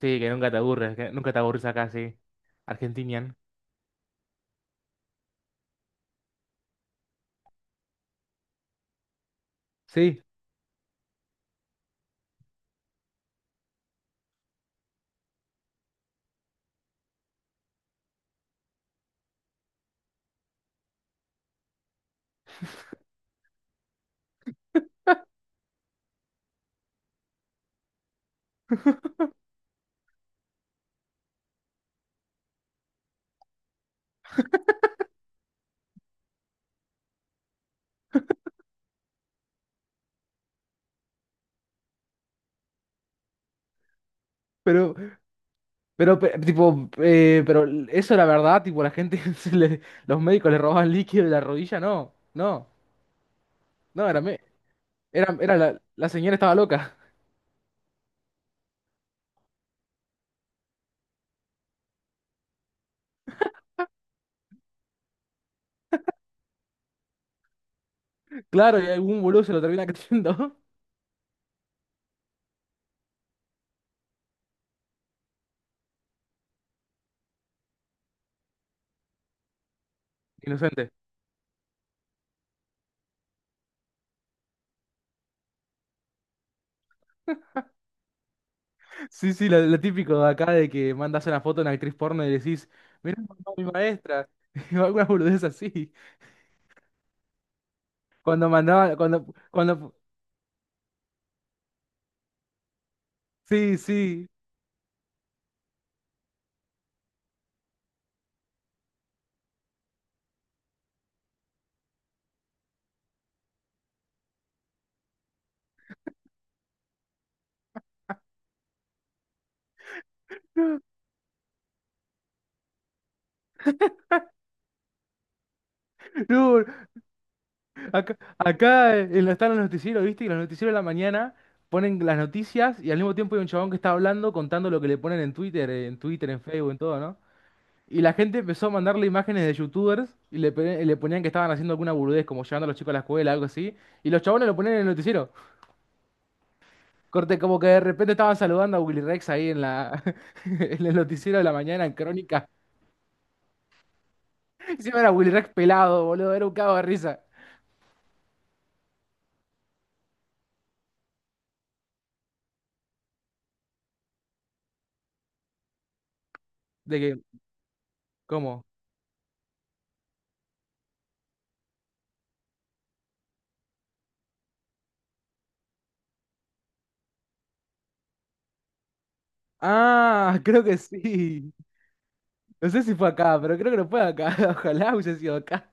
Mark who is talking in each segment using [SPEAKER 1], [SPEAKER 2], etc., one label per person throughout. [SPEAKER 1] Sí, que nunca te aburres, que nunca te aburres acá, sí. Argentinian. Sí, pero, pero, tipo, pero eso la verdad, tipo, la gente, los médicos le robaban líquido de la rodilla, no, no, no, era, era, era la, la señora estaba loca, claro, y algún boludo se lo termina creyendo. Inocente. Sí, sí, lo típico de acá de que mandas una foto a una actriz porno y decís, mirá, mamá, mi maestra, o alguna boludez así, cuando mandaba, cuando, cuando, sí, sí, no. Acá, acá, están los noticieros, ¿viste? Y los noticieros de la mañana ponen las noticias y al mismo tiempo hay un chabón que está hablando contando lo que le ponen en Twitter, en Twitter, en Facebook, en todo, ¿no? Y la gente empezó a mandarle imágenes de youtubers y le, le ponían que estaban haciendo alguna burudez, como llevando a los chicos a la escuela, algo así. Y los chabones lo ponían en el noticiero. Corte, como que de repente estaban saludando a Willy Rex ahí en la, en el noticiero de la mañana, en Crónica. Encima era Willy Rex pelado, boludo, era un cago de risa. De que, ¿cómo? Ah, creo que sí. No sé si fue acá, pero creo que no fue acá. Ojalá hubiese sido acá.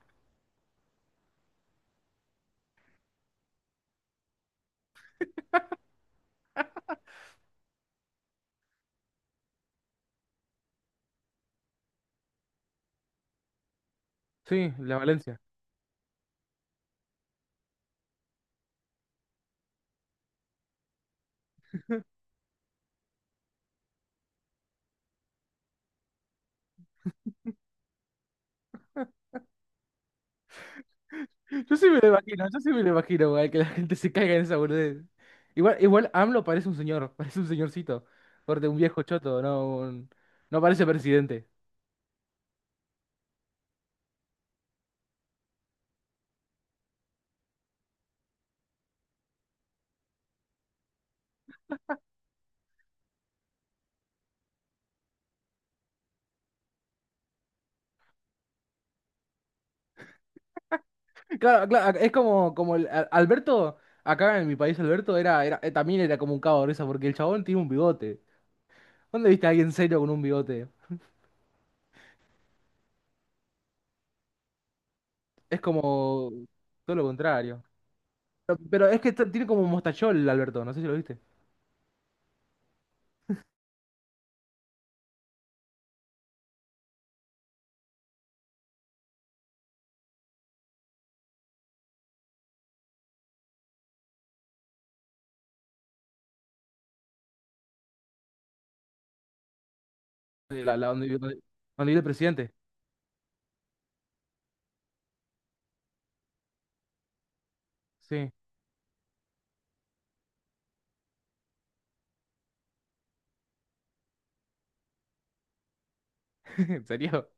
[SPEAKER 1] Sí, la Valencia. Yo sí me lo imagino, yo sí me lo imagino, güey, que la gente se caiga en esa boludez. Igual, igual AMLO parece un señor, parece un señorcito. Corte, un viejo choto, no, un- no parece presidente. Claro, claro, es como, como el, Alberto, acá en mi país Alberto era, era, también era como un cabo de risa, porque el chabón tiene un bigote. ¿Dónde viste a alguien serio con un bigote? Es como todo lo contrario. Pero es que tiene como un mostachol Alberto, no sé si lo viste. La donde, donde, donde vive el presidente. Sí, ¿en serio?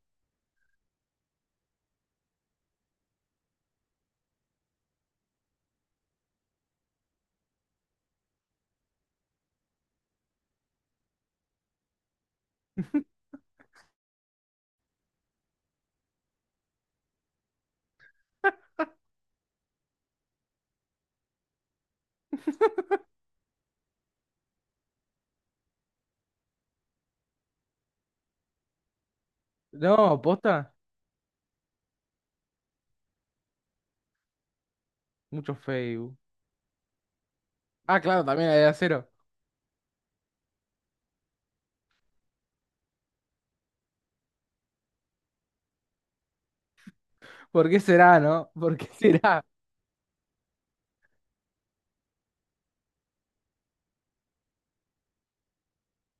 [SPEAKER 1] No, posta. Mucho Facebook. Ah, claro, también la de acero. ¿Por qué será, no? ¿Por qué será?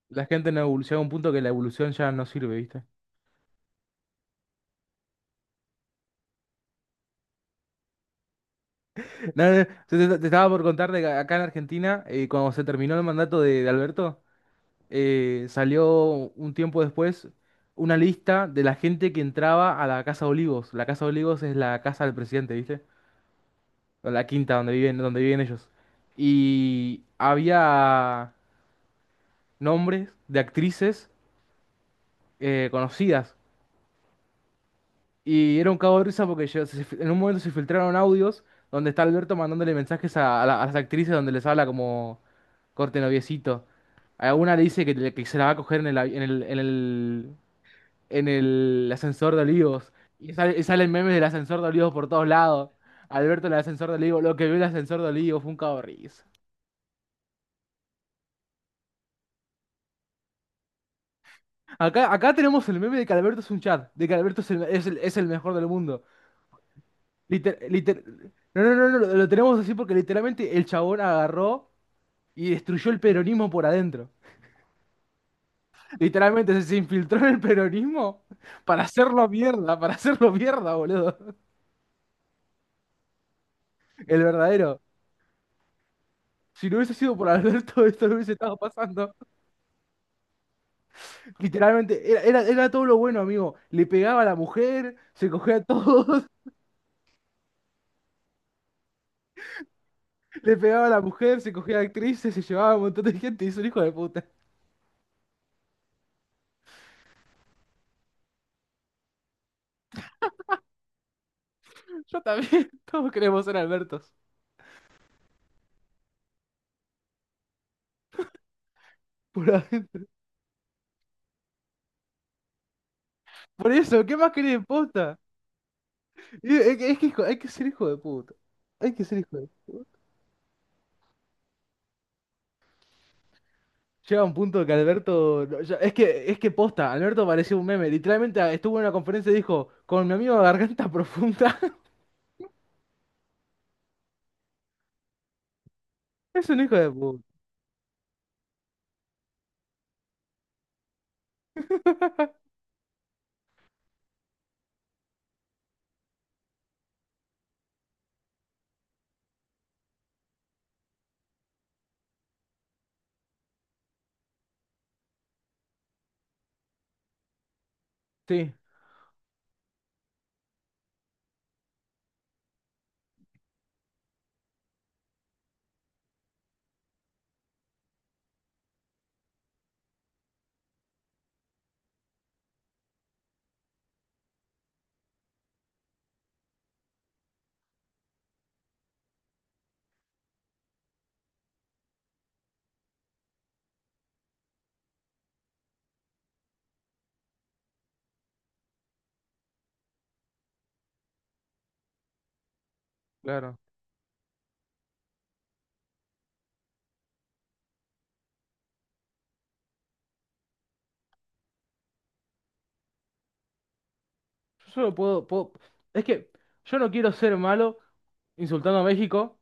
[SPEAKER 1] La gente no evoluciona a un punto que la evolución ya no sirve, ¿viste? No, no, te, te estaba por contar de que acá en Argentina, cuando se terminó el mandato de Alberto, salió un tiempo después una lista de la gente que entraba a la Casa Olivos. La Casa Olivos es la casa del presidente, ¿viste? O la quinta donde viven ellos. Y había nombres de actrices conocidas. Y era un cago de risa porque en un momento se filtraron audios donde está Alberto mandándole mensajes a, a las actrices donde les habla como corte noviecito. A una le dice que, que se la va a coger en el, en el, en el, en el ascensor de Olivos. Y sale, y salen memes del ascensor de Olivos por todos lados. Alberto en el ascensor de Olivos, lo que vio el ascensor de Olivos fue un cago de risa. Acá, acá tenemos el meme de que Alberto es un chat, de que Alberto es el, es el mejor del mundo. Liter- liter- no, no, no, no, lo tenemos así porque literalmente el chabón agarró y destruyó el peronismo por adentro. Literalmente se, se infiltró en el peronismo para hacerlo mierda, boludo. El verdadero. Si no hubiese sido por Alberto, esto no hubiese estado pasando. Literalmente, era, era, era todo lo bueno, amigo. Le pegaba a la mujer, se cogía a todos, le pegaba a la mujer, se cogía a actrices, se llevaba a un montón de gente y es un hijo de puta. Yo también. Todos queremos ser Albertos. Por adentro. Por eso, ¿qué más querés, posta? Y es que, es que hay que ser hijo de puta. Hay que ser hijo de... Llega un punto que Alberto... no, es que posta, Alberto parecía un meme. Literalmente ah, estuvo en una conferencia y dijo, con mi amigo Garganta Profunda. Es un hijo de puta. Sí, claro. Yo solo puedo, puedo- es que yo no quiero ser malo insultando a México.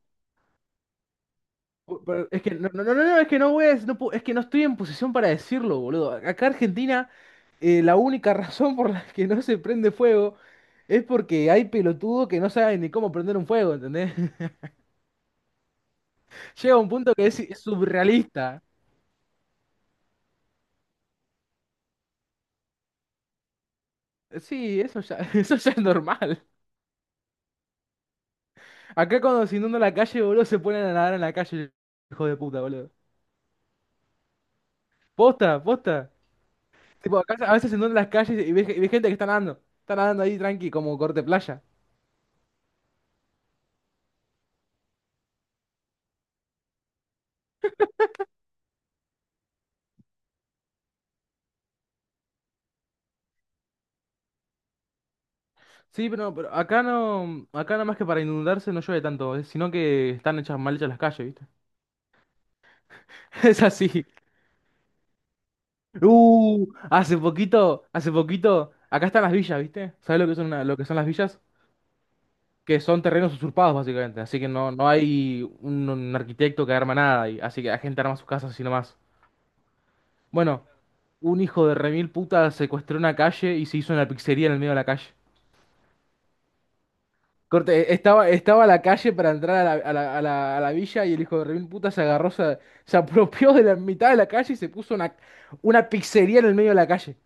[SPEAKER 1] Pero es que no, no, no, no, es que no voy a, no puedo- es que no estoy en posición para decirlo, boludo. Acá Argentina la única razón por la que no se prende fuego es porque hay pelotudos que no saben ni cómo prender un fuego, ¿entendés? Llega un punto que es surrealista. Sí, eso ya, eso ya es normal. Acá cuando se inunda la calle, boludo, se ponen a nadar en la calle, hijo de puta, boludo. Posta, posta. Tipo, acá a veces se inundan las calles y ves gente que está nadando. Está nadando ahí tranqui, como corte playa. Sí, pero, no, pero acá no, acá nada más que para inundarse no llueve tanto, sino que están hechas mal hechas las calles, ¿viste? Es así. Hace poquito, acá están las villas, ¿viste? ¿Sabes lo que son lo que son las villas? Que son terrenos usurpados, básicamente. Así que no, no hay un arquitecto que arma nada, y, así que la gente arma sus casas así nomás. Bueno, un hijo de remil puta secuestró una calle y se hizo una pizzería en el medio de la calle. Corte, estaba, estaba la calle para entrar a la, a la villa y el hijo de remil puta se agarró, se apropió de la mitad de la calle y se puso una pizzería en el medio de la calle.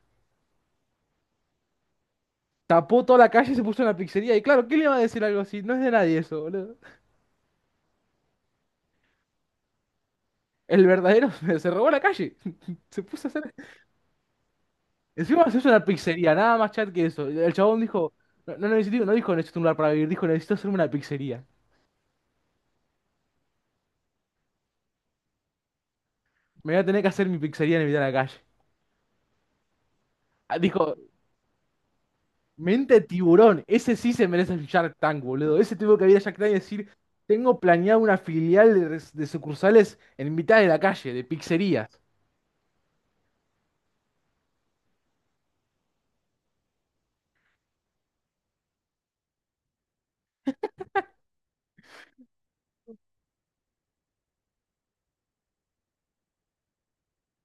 [SPEAKER 1] Tapó toda la calle y se puso en la pizzería. Y claro, ¿quién le va a decir algo así? No es de nadie eso, boludo. El verdadero se, robó la calle. Se puso a hacer. Encima se hizo una pizzería, nada más chat que eso. El chabón dijo: no, no necesito, no dijo necesito un lugar para vivir, dijo necesito hacerme una pizzería. Me voy a tener que hacer mi pizzería en el medio de la calle. Ah, dijo: mente de tiburón, ese sí se merece el Shark Tank, boludo. Ese tuvo que ir a Shark Tank y decir: tengo planeado una filial de, de sucursales en mitad de la calle, de pizzerías.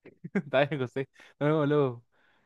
[SPEAKER 1] Está bien, José. Nos vemos luego.